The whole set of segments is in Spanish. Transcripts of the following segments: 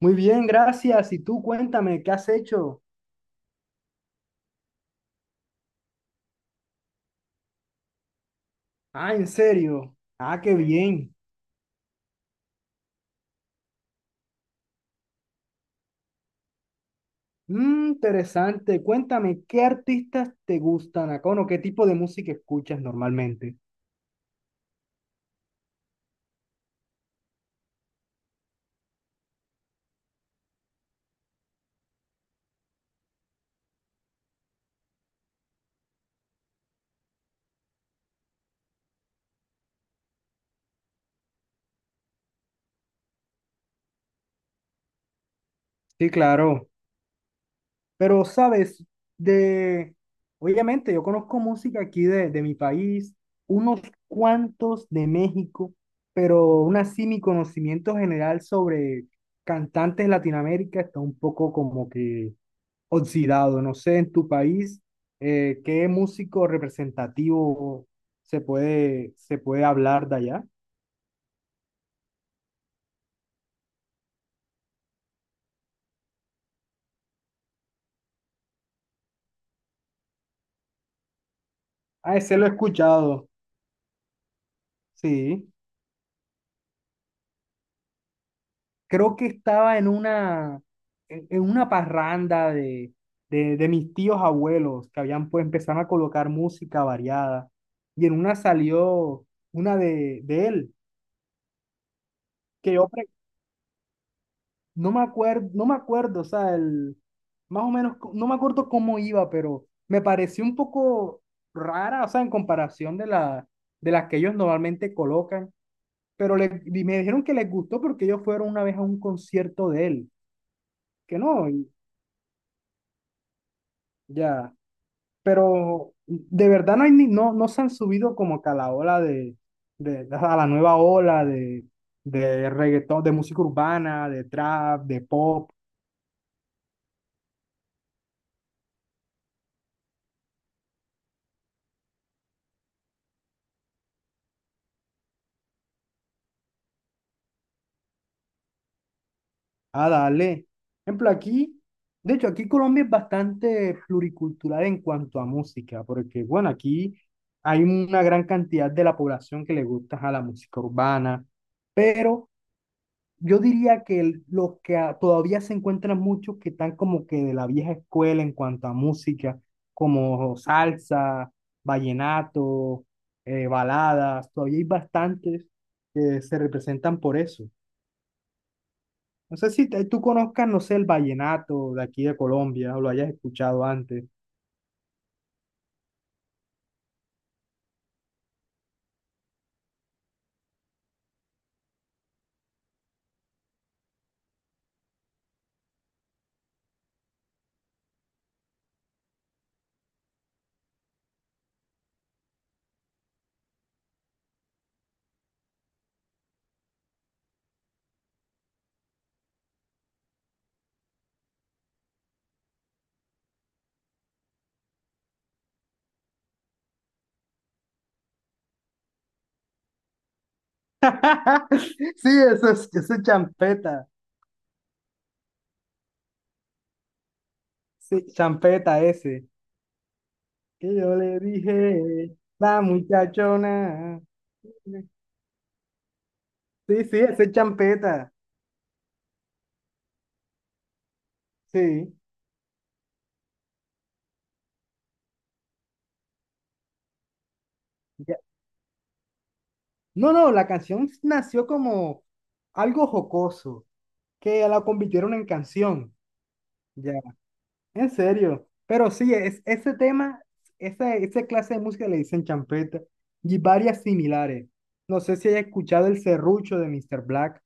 Muy bien, gracias. Y tú cuéntame, ¿qué has hecho? Ah, ¿en serio? Ah, qué bien. Mm, interesante. Cuéntame, ¿qué artistas te gustan, Acono? ¿Qué tipo de música escuchas normalmente? Sí, claro. Pero, ¿sabes? De... Obviamente, yo conozco música aquí de mi país, unos cuantos de México, pero aún así mi conocimiento general sobre cantantes de Latinoamérica está un poco como que oxidado. No sé, en tu país, ¿qué músico representativo se puede hablar de allá? Ah, ese lo he escuchado, sí. Creo que en una parranda de mis tíos abuelos que habían pues empezaron a colocar música variada y en una salió una de él, que yo No me acuerdo, no me acuerdo, o sea, el, más o menos, no me acuerdo cómo iba, pero me pareció un poco rara, o sea, en comparación de las que ellos normalmente colocan, y me dijeron que les gustó porque ellos fueron una vez a un concierto de él, que no, y ya, pero de verdad no, hay ni, no, no se han subido como que a la ola a la nueva ola de reggaetón, de música urbana, de trap, de pop. Ah, dale. Por ejemplo, aquí, de hecho, aquí Colombia es bastante pluricultural en cuanto a música, porque, bueno, aquí hay una gran cantidad de la población que le gusta a la música urbana, pero yo diría que los que todavía se encuentran muchos que están como que de la vieja escuela en cuanto a música, como salsa, vallenato, baladas, todavía hay bastantes que se representan por eso. No sé si tú conozcas, no sé, el vallenato de aquí de Colombia o lo hayas escuchado antes. Sí, eso es champeta. Sí, champeta ese. Que yo le dije, la muchachona. Sí, sí, ese es champeta. Sí. Ya. No, no, la canción nació como algo jocoso, que la convirtieron en canción. En serio, pero sí, es, ese tema, esa clase de música le dicen champeta y varias similares. No sé si haya escuchado el serrucho de Mr. Black.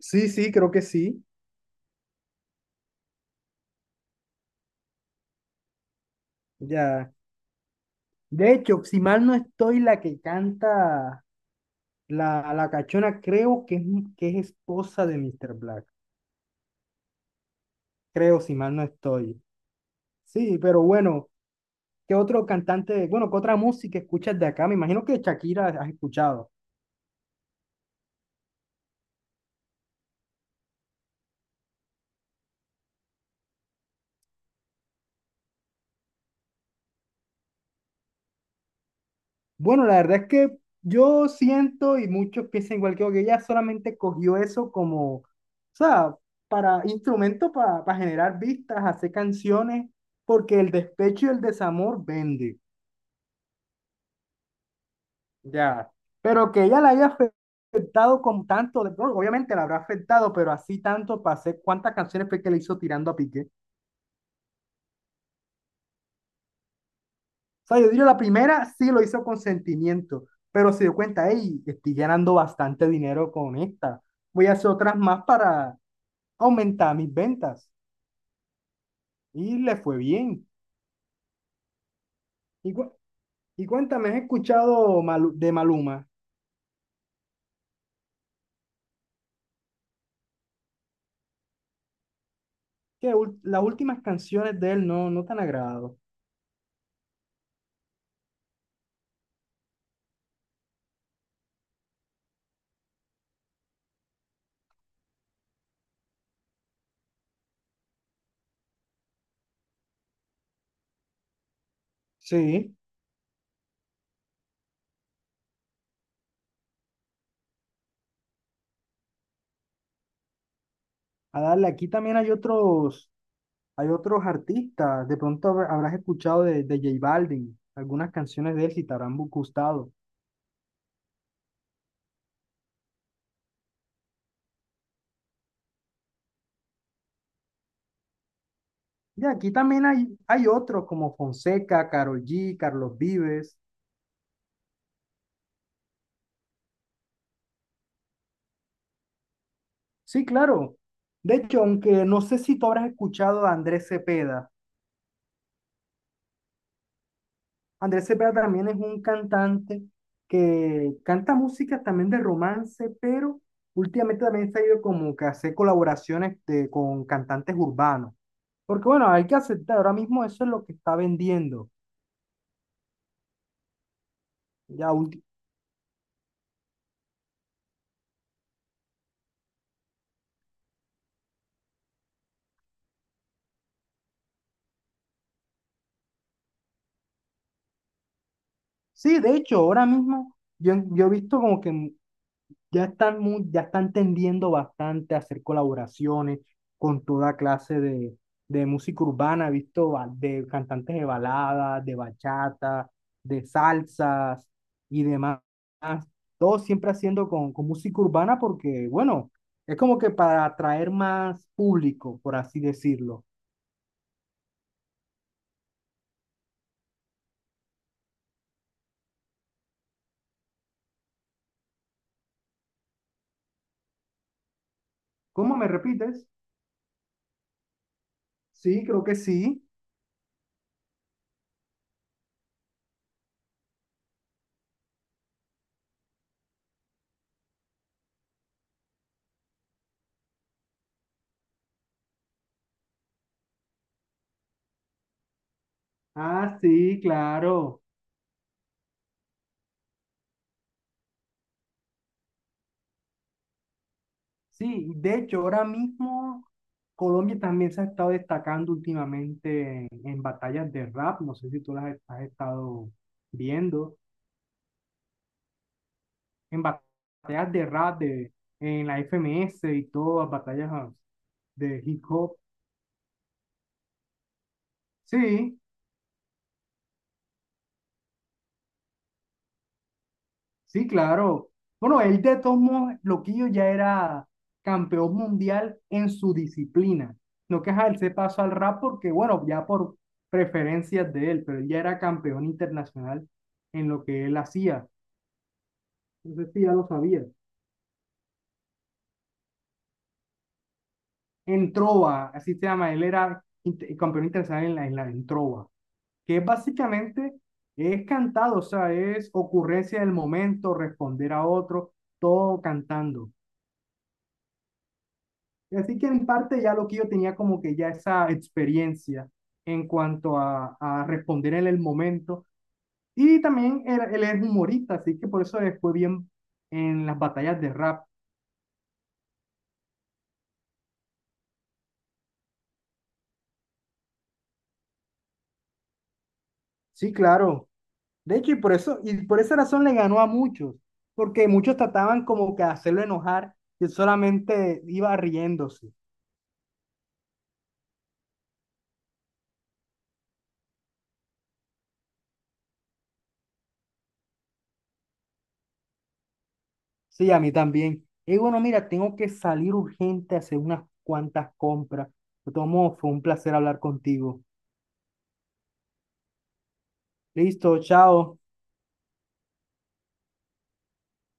Sí, sí, creo que sí. Ya. De hecho, si mal no estoy, la que canta la cachona, creo que es esposa de Mr. Black. Creo, si mal no estoy. Sí, pero bueno, ¿qué otro cantante, bueno, qué otra música escuchas de acá? Me imagino que Shakira has escuchado. Bueno, la verdad es que yo siento y muchos piensan igual que yo, que ella solamente cogió eso como, o sea, para instrumento para generar vistas, hacer canciones, porque el despecho y el desamor vende, ya. Pero que ella la haya afectado con tanto, bueno, obviamente la habrá afectado, pero así tanto para hacer cuántas canciones fue que le hizo tirando a Piqué. O sea, yo diría la primera sí lo hizo con sentimiento, pero se dio cuenta, hey, estoy ganando bastante dinero con esta, voy a hacer otras más para, aumentaba mis ventas y le fue bien. Y, y cuéntame, ¿has escuchado de Maluma? Que las últimas canciones de él no, no te han agradado. Sí, a darle, aquí también hay otros artistas. De pronto habrás escuchado de J Balvin, algunas canciones de él si te habrán gustado. Y aquí también hay otros como Fonseca, Karol G, Carlos Vives. Sí, claro. De hecho, aunque no sé si tú habrás escuchado a Andrés Cepeda. Andrés Cepeda también es un cantante que canta música también de romance, pero últimamente también se ha ido como que a hacer colaboraciones con cantantes urbanos. Porque bueno, hay que aceptar, ahora mismo eso es lo que está vendiendo. Ya ulti- sí, de hecho, ahora mismo yo he visto como que ya están, muy, ya están tendiendo bastante a hacer colaboraciones con toda clase de música urbana, he visto de cantantes de baladas, de bachata, de salsas y demás. Todo siempre haciendo con música urbana porque, bueno, es como que para atraer más público, por así decirlo. ¿Cómo me repites? Sí, creo que sí. Ah, sí, claro. Sí, de hecho, ahora mismo... Colombia también se ha estado destacando últimamente en batallas de rap, no sé si tú las has estado viendo, en batallas de rap de, en la FMS y todas, las batallas ah, de hip hop. Sí, sí, claro. Bueno, él de todos modos, Loquillo ya era campeón mundial en su disciplina. No que ajá, él se pasó al rap porque, bueno, ya por preferencias de él, pero él ya era campeón internacional en lo que él hacía. Entonces sí, ya lo sabía. En Trova, así se llama, él era campeón internacional en la isla, en Trova, que básicamente es cantado, o sea, es ocurrencia del momento, responder a otro, todo cantando. Así que en parte ya lo que yo tenía como que ya esa experiencia en cuanto a responder en el momento. Y también él es humorista, así que por eso le fue bien en las batallas de rap. Sí, claro. De hecho, y por eso, y por esa razón le ganó a muchos, porque muchos trataban como que hacerlo enojar y él solamente iba riéndose. Sí, a mí también. Y bueno, mira, tengo que salir urgente a hacer unas cuantas compras. De todos modos, fue un placer hablar contigo. Listo, chao.